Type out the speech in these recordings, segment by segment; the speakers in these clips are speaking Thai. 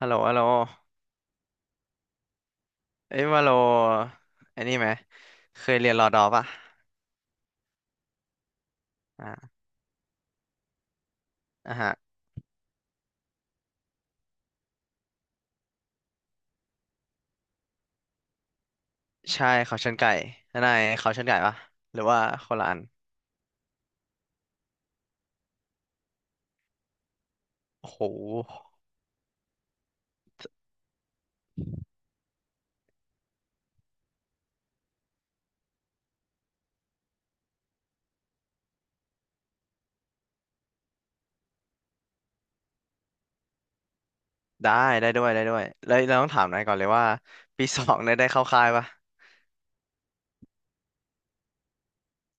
ฮัลโหลฮัลโหลเอ้ยว่าโลไอ้นี่ไหมเคยเรียนรอดอปะอ่าอ่ะฮะใช่เขาชนไก่นายเขาชนไก่ปะหรือว่าคนละอันโอ้โหได้ได้ด้วยได้ด้วยแล้วเราต้องถามนายก่อนเลยว่าปีสองเนี่ยได้เข้าค่ายปะ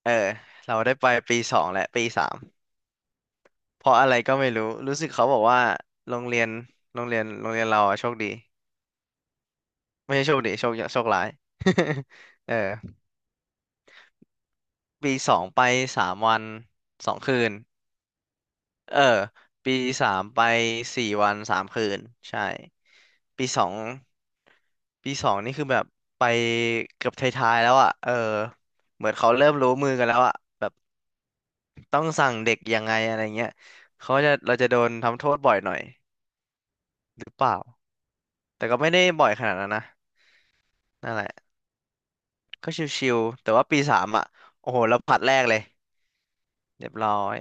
เออเราได้ไปปีสองและปีสามเพราะอะไรก็ไม่รู้รู้สึกเขาบอกว่าโรงเรียนเราอะโชคดีไม่ใช่โชคดีโชคร้าย เออปีสองไปสามวันสองคืน เออปีสามไปสี่วันสามคืนใช่ปีสองปีสองนี่คือแบบไปเกือบท้ายๆแล้วอ่ะเออเหมือนเขาเริ่มรู้มือกันแล้วอ่ะแบบต้องสั่งเด็กยังไงอะไรเงี้ยเขาจะเราจะโดนทำโทษบ่อยหน่อยหรือเปล่าแต่ก็ไม่ได้บ่อยขนาดนั้นนะนั่นแหละก็ชิวๆแต่ว่าปีสามอ่ะโอ้โหเราผลัดแรกเลยเรียบร้อย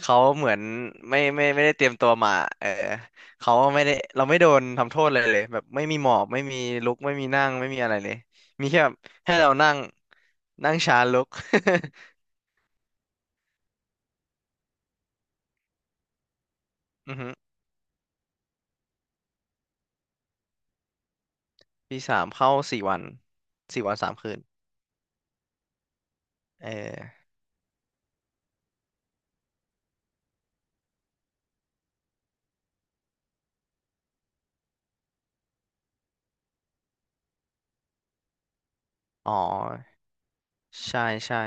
เขาเหมือนไม่ได้เตรียมตัวมาเออเขาไม่ได้เราไม่โดนทำโทษเลยแบบไม่มีหมอบไม่มีลุกไม่มีนั่งไม่มีอะไรเลยมีแค่แบบให้เรานั่งนั่งช้าลุก อือฮึปีสามเข้าสี่วันสี่วันสามคืนเอออ๋อใช่ใช่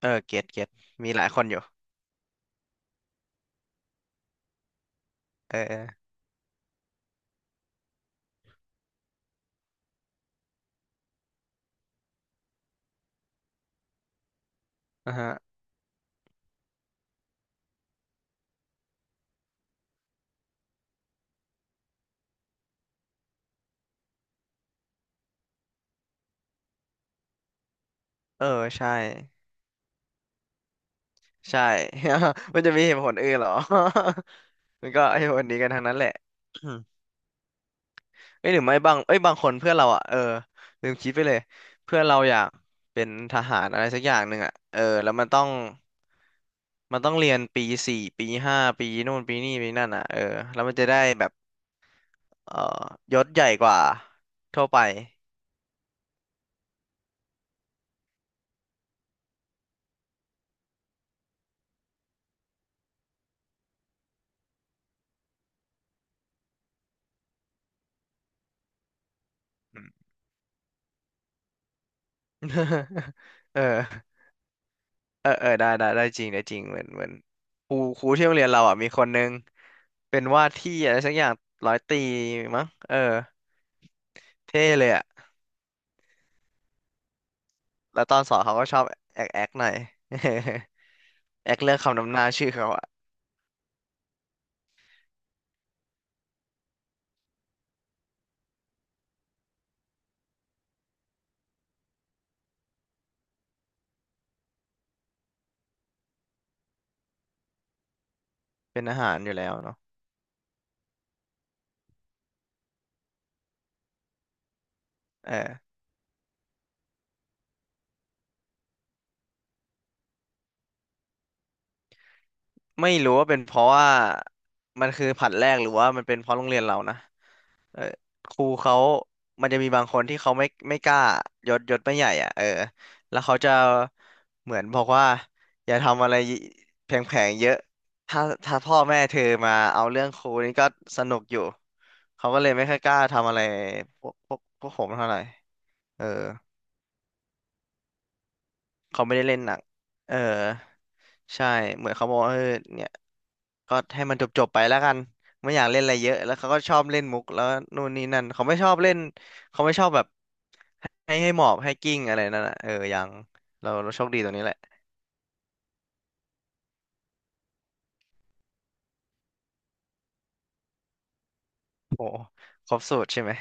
เออเก็ตเก็ตมีหลายคนอยู่เอออ่ะฮะเออใช่ใช่ มันจะมีเหตุผลอื่นเหรอ มันก็ไอ้ผลนี้กันทั้งนั้นแหละ เอ้ยหรือไม่บางเอ้ยบางคนเพื่อนเราอ่ะเออลืมคิดไปเลยเพื่อนเราอยากเป็นทหารอะไรสักอย่างหนึ่งอ่ะเออแล้วมันต้องเรียนปีสี่ปีห้าปีนู่นปีนี่ปีนั่นอ่ะเออแล้วมันจะได้แบบเออยศใหญ่กว่าทั่วไป เออเออเออได้ได้ได้จริงได้จริงเหมือนครูที่โรงเรียนเราอ่ะมีคนนึงเป็นว่าที่อะไรสักอย่างร้อยตรีมั้งเออเท่เลยอ่ะแล้วตอนสอนเขาก็ชอบแอกหน่อย แอคเลือกคำนำหน้าชื่อเขาอะเป็นอาหารอยู่แล้วเนาะเออไม่รู้ว่าเป็นเพราะว่ามันคือผัดแรกหรือว่ามันเป็นเพราะโรงเรียนเรานะเออครูเขามันจะมีบางคนที่เขาไม่กล้ายศไม่ใหญ่อ่ะเออแล้วเขาจะเหมือนบอกว่าอย่าทำอะไรแผลงๆเยอะถ้าถ้าพ่อแม่เธอมาเอาเรื่องครูนี่ก็สนุกอยู่เขาก็เลยไม่ค่อยกล้าทำอะไรพวกผมเท่าไหร่เออ เขาไม่ได้เล่นหนังเออใช่เหมือนเขาบอกว่าเออเนี่ยก็ให้มันจบจบไปแล้วกันไม่อยากเล่นอะไรเยอะแล้วเขาก็ชอบเล่นมุกแล้วนู่นนี่นั่นเขาไม่ชอบเล่นเขาไม่ชอบแบบให้หมอบให้กิ้งอะไรนั่นอ่ะเออยังเราโชคดีตรงนี้แหละโอ้ครบสูตรใช่ไหม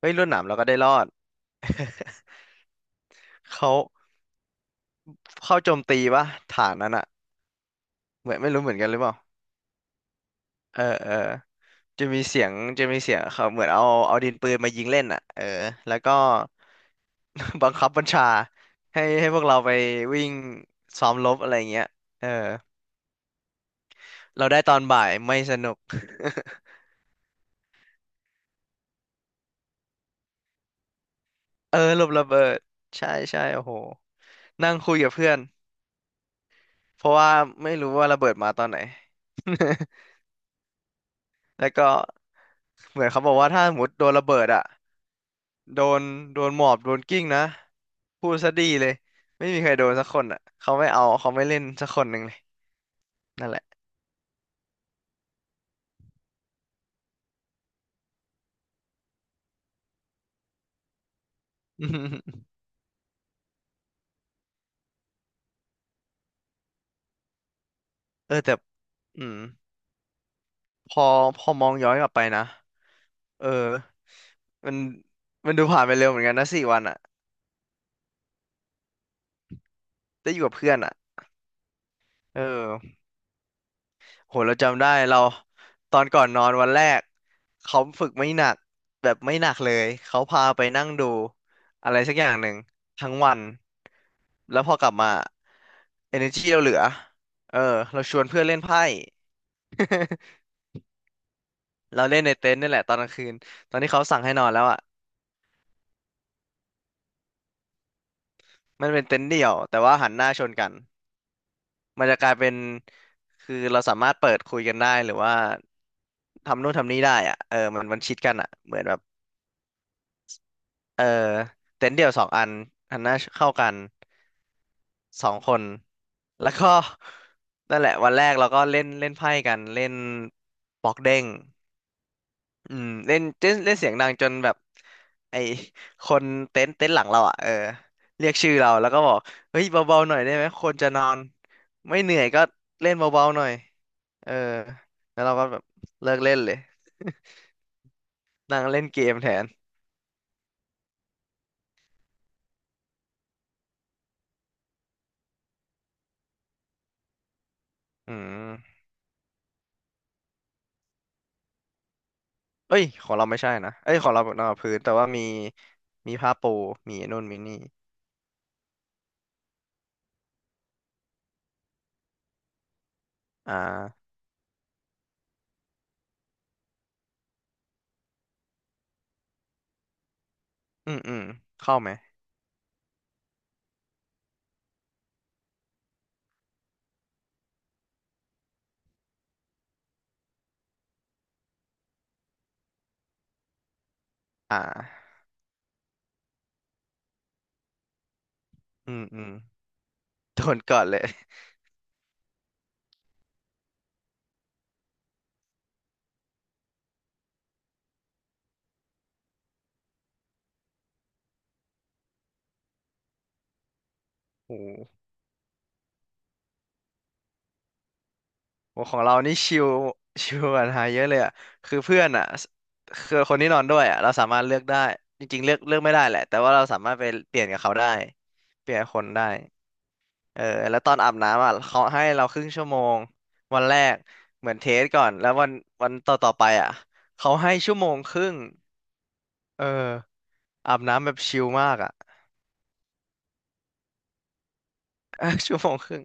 เฮ้ยรวนหนามเราก็ได้รอด เขาเข้าโจมตีปะฐานนั้นอ่ะเหมือนไม่รู้เหมือนกันหรือเปล่าเออเออ จะมีเสียงจะมีเสียงเขาเหมือนเอาดินปืนมายิงเล่นอ่ะเออแล้วก็ บังคับบัญชาให้พวกเราไปวิ่งซ้อมรบอะไรเงี้ยเออเราได้ตอนบ่ายไม่สนุก เออหลบระเบิดใช่ใช่โอ้โหนั่งคุยกับเพื่อนเพราะว่าไม่รู้ว่าระเบิดมาตอนไหน แล้วก็เหมือนเขาบอกว่าถ้าสมมติโดนระเบิดอ่ะ โดนโดนหมอบโดนกิ้งนะพูดซะดีเลยไม่มีใครโดนสักคนอ่ะเขาไม่เอาเขาไม่เล่นสักคนหนึ่งเลยนั่นแหละ อืมเออแต่อืมพอพอมองย้อนกลับไปนะเออมันมันดูผ่านไปเร็วเหมือนกันนะสี่วันอ่ะได้อยู่กับเพื่อนอ่ะเออ โหเราจำได้เราตอนก่อนนอนวันแรกเขาฝึกไม่หนักแบบไม่หนักเลยเขาพาไปนั่งดูอะไรสักอย่างหนึ่งทั้งวันแล้วพอกลับมา energy เราเหลือเออเราชวนเพื่อนเล่นไพ่ เราเล่นในเต็นท์นี่แหละตอนกลางคืนตอนที่เขาสั่งให้นอนแล้วอ่ะมันเป็นเต็นท์เดี่ยวแต่ว่าหันหน้าชนกันมันจะกลายเป็นคือเราสามารถเปิดคุยกันได้หรือว่าทำนู่นทำนี่ได้อ่ะเออมันชิดกันอ่ะเหมือนแบบ เออเต็นท์เดี่ยวสองอันอันน่าเข้ากันสองคนแล้วก็ นั่นแหละวันแรกเราก็เล่นเล่นไพ่กันเล่นบอกเด้งอืมเล่นเล่นเล่นเสียงดังจนแบบไอคนเต็นท์หลังเราอ่ะเออเรียกชื่อเราแล้วก็บอกเฮ้ยเบาๆหน่อยได้ไหมคนจะนอนไม่เหนื่อยก็เล่นเบาๆหน่อยเออแล้วเราก็แบบเลิกเล่นเลย นั่งเล่นเกมแทนอืม เอ้ยของเราไม่ใช่นะเอ้ยของเรานอนพื้นแต่ว่ามีผ้าปูมีไอ้นู่นมีนี่อ่าอืมอืมเข้าไหมอ่าอืมอืมโดนก่อนเลยโอ้โหโอ้ของเรานี่ชิวชิลกว่าไทายเยอะเลยอ่ะคือเพื่อนอ่ะสคือคนที่นอนด้วยอ่ะเราสามารถเลือกได้ จริงๆเลือกไม่ได้แหละแต่ว่าเราสามารถไปเปลี่ยนกับเขาได้เปลี่ยนคนได้เออแล้วตอนอาบน้ำอ่ะเขาให้เราครึ่งชั่วโมงวันแรกเหมือนเทสก่อนแล้ววันต่อไปอ่ะเขาให้ชั่วโมงครึ่ง เอออาบน้ำแบบชิลมากอ่ะ ชั่วโมงครึ่ง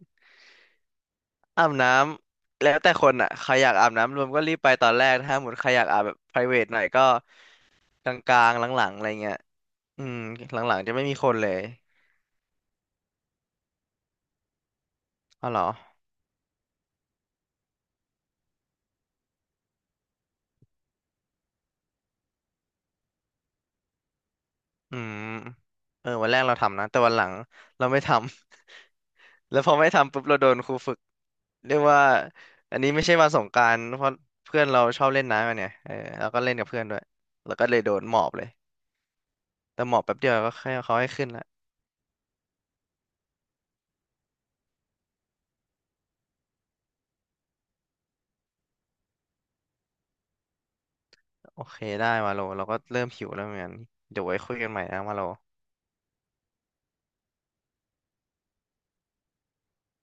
อาบน้ำแล้วแต่คนอ่ะใครอยากอาบน้ำรวมก็รีบไปตอนแรกถ้าหมดใครอยากอาบแบบ private หน่อยก็กลางๆหลังๆอะไรเงี้ยอืมหลังๆจะไม่มีคนเลยอ๋อเหรออืมเออวันแรกเราทำนะแต่วันหลังเราไม่ทำ แล้วพอไม่ทำปุ๊บเราโดนครูฝึกเรียกว่าอันนี้ไม่ใช่วันสงกรานต์เพราะเพื่อนเราชอบเล่นน้ำกันเนี่ยเออแล้วก็เล่นกับเพื่อนด้วยแล้วก็เลยโดนหมอบเลยแต่หมอบแป๊บเดียวก็ให้เขาให้ขึ้นละ โอเคได้มาโลเราก็เริ่มหิวแล้วเหมือนกันเดี๋ยวไว้คุยกันใหม่นะมาโล